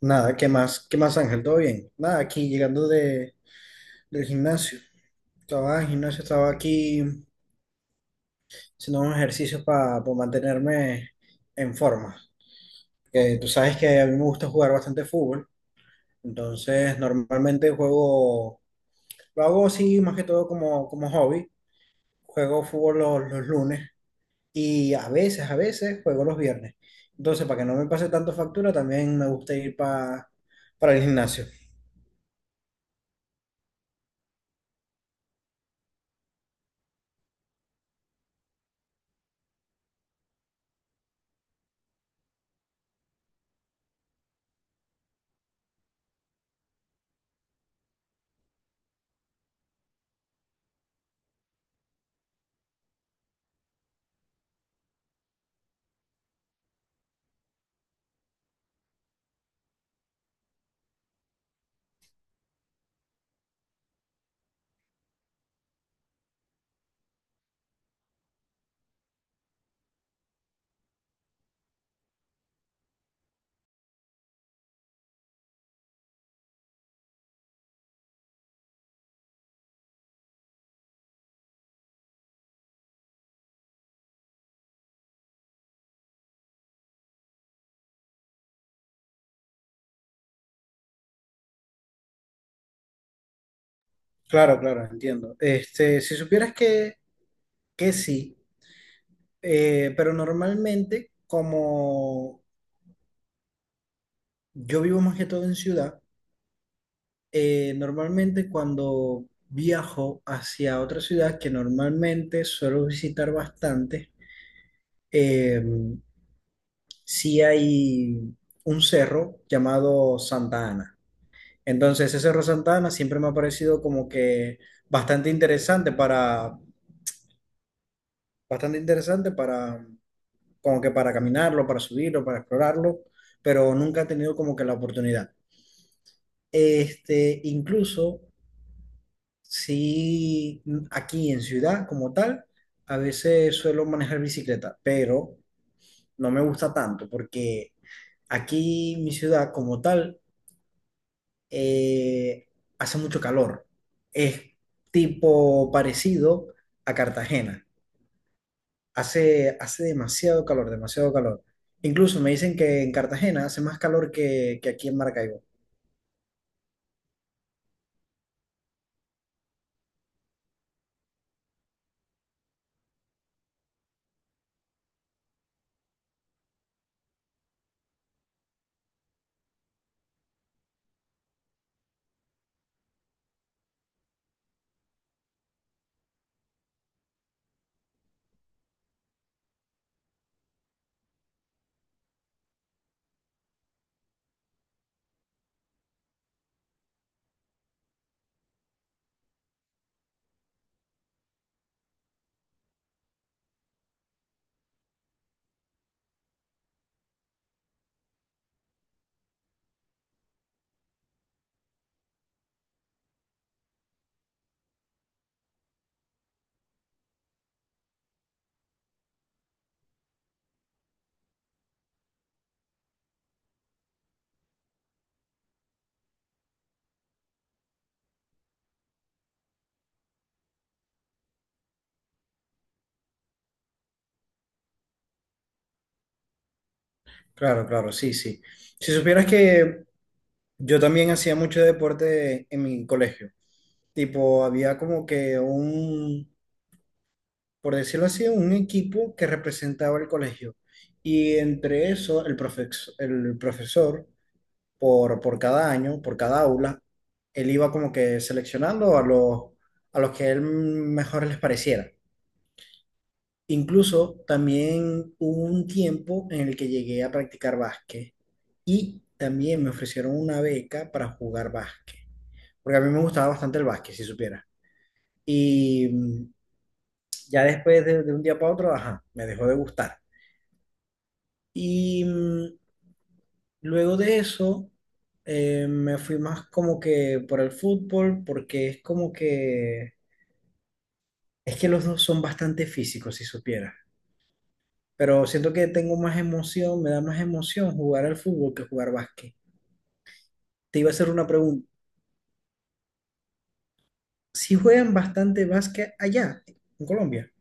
Nada, ¿qué más? ¿Qué más, Ángel? ¿Todo bien? Nada, aquí llegando de, del gimnasio. Estaba en el gimnasio, estaba aquí haciendo unos ejercicios para mantenerme en forma. Que tú sabes que a mí me gusta jugar bastante fútbol, entonces normalmente juego, lo hago así más que todo como, como hobby. Juego fútbol los lunes y a veces juego los viernes. Entonces, para que no me pase tanto factura, también me gusta ir para el gimnasio. Claro, claro, entiendo. Este, si supieras que sí, pero normalmente como yo vivo más que todo en ciudad, normalmente cuando viajo hacia otra ciudad que normalmente suelo visitar bastante, eh, sí hay un cerro llamado Santa Ana. Entonces ese cerro Santa Ana siempre me ha parecido como que bastante interesante para, bastante interesante para como que para caminarlo, para subirlo, para explorarlo, pero nunca he tenido como que la oportunidad. Este, incluso si aquí en ciudad como tal, a veces suelo manejar bicicleta, pero no me gusta tanto porque aquí mi ciudad como tal eh, hace mucho calor. Es tipo parecido a Cartagena. Hace, hace demasiado calor, demasiado calor. Incluso me dicen que en Cartagena hace más calor que aquí en Maracaibo. Claro, claro, sí, sí. Si supieras que yo también hacía mucho deporte en mi colegio. Tipo, había como que un, por decirlo así, un equipo que representaba el colegio. Y entre eso, el el profesor, por cada año, por cada aula, él iba como que seleccionando a los que él mejor les pareciera. Incluso también hubo un tiempo en el que llegué a practicar básquet y también me ofrecieron una beca para jugar básquet, porque a mí me gustaba bastante el básquet, si supiera. Y ya después de un día para otro, ajá, me dejó de gustar. Y luego de eso, me fui más como que por el fútbol, porque es como que, es que los dos son bastante físicos, si supiera. Pero siento que tengo más emoción, me da más emoción jugar al fútbol que jugar básquet. Te iba a hacer una pregunta. ¿Si juegan bastante básquet allá, en Colombia?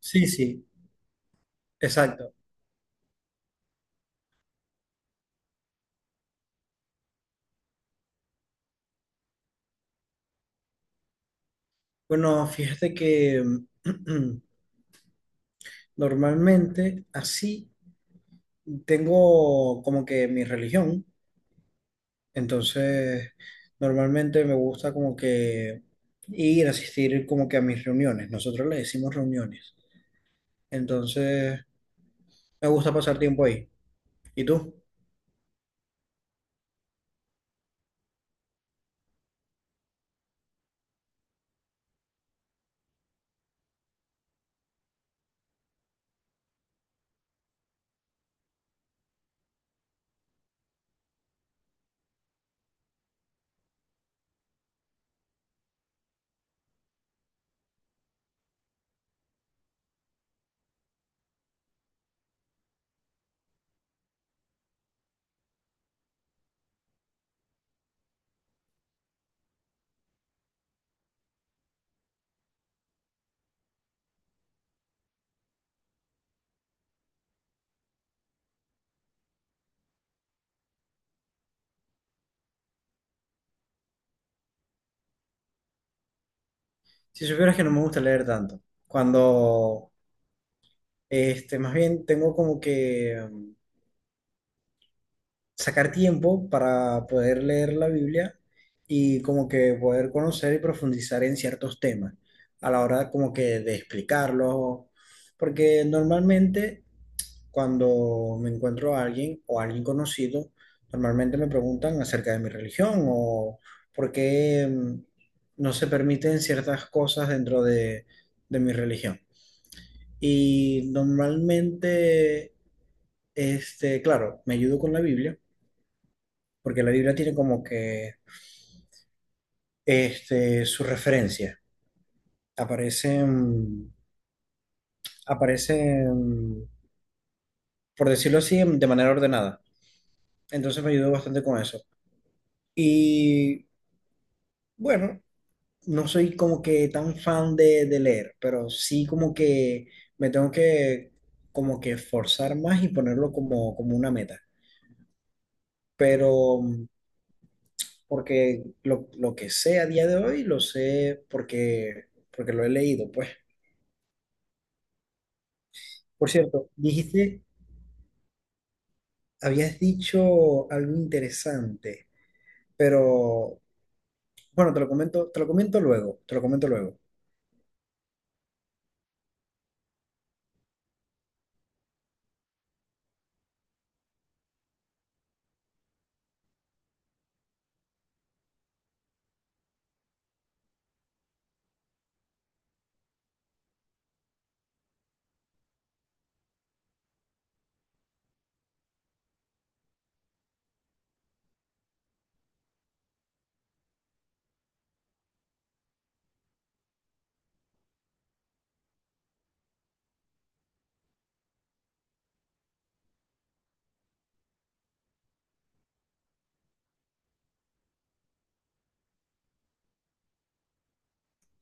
Sí, sí, exacto. Bueno, fíjate que normalmente así tengo como que mi religión, entonces normalmente me gusta como que ir a asistir como que a mis reuniones. Nosotros le decimos reuniones, entonces me gusta pasar tiempo ahí. ¿Y tú? Si supieras que no me gusta leer tanto, cuando, este, más bien tengo como que sacar tiempo para poder leer la Biblia y como que poder conocer y profundizar en ciertos temas a la hora como que de explicarlos, porque normalmente cuando me encuentro a alguien o a alguien conocido, normalmente me preguntan acerca de mi religión o por qué no se permiten ciertas cosas dentro de mi religión. Y normalmente, este, claro, me ayudo con la Biblia porque la Biblia tiene como que este, su referencia. Aparecen, aparecen, por decirlo así, de manera ordenada. Entonces me ayudó bastante con eso. Y bueno, no soy como que tan fan de leer, pero sí como que me tengo que como que esforzar más y ponerlo como, como una meta. Pero porque lo que sé a día de hoy lo sé porque, porque lo he leído, pues. Por cierto, dijiste habías dicho algo interesante, pero bueno, te lo comento luego, te lo comento luego.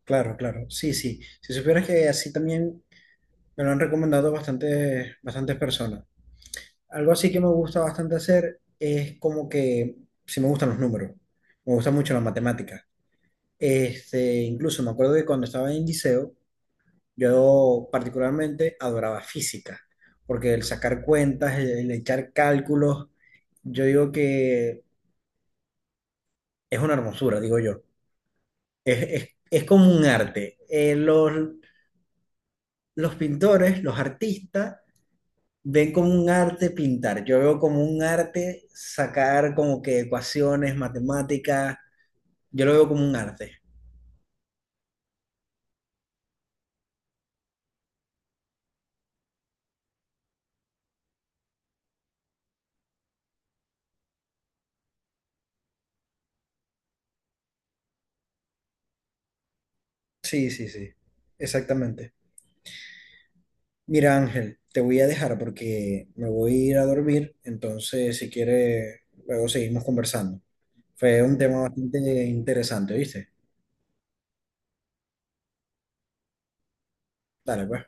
Claro, claro, sí, sí. Si supieras que así también me lo han recomendado bastantes, bastantes personas. Algo así que me gusta bastante hacer es como que, si me gustan los números, me gusta mucho la matemática. Este, incluso me acuerdo que cuando estaba en liceo, yo particularmente adoraba física, porque el sacar cuentas, el echar cálculos, yo digo que es una hermosura, digo yo. Es, es como un arte. Los los pintores, los artistas, ven como un arte pintar. Yo veo como un arte sacar como que ecuaciones, matemáticas. Yo lo veo como un arte. Sí, sí, sí. Exactamente. Mira, Ángel, te voy a dejar porque me voy a ir a dormir. Entonces, si quieres, luego seguimos conversando. Fue un tema bastante interesante, ¿viste? Dale, pues.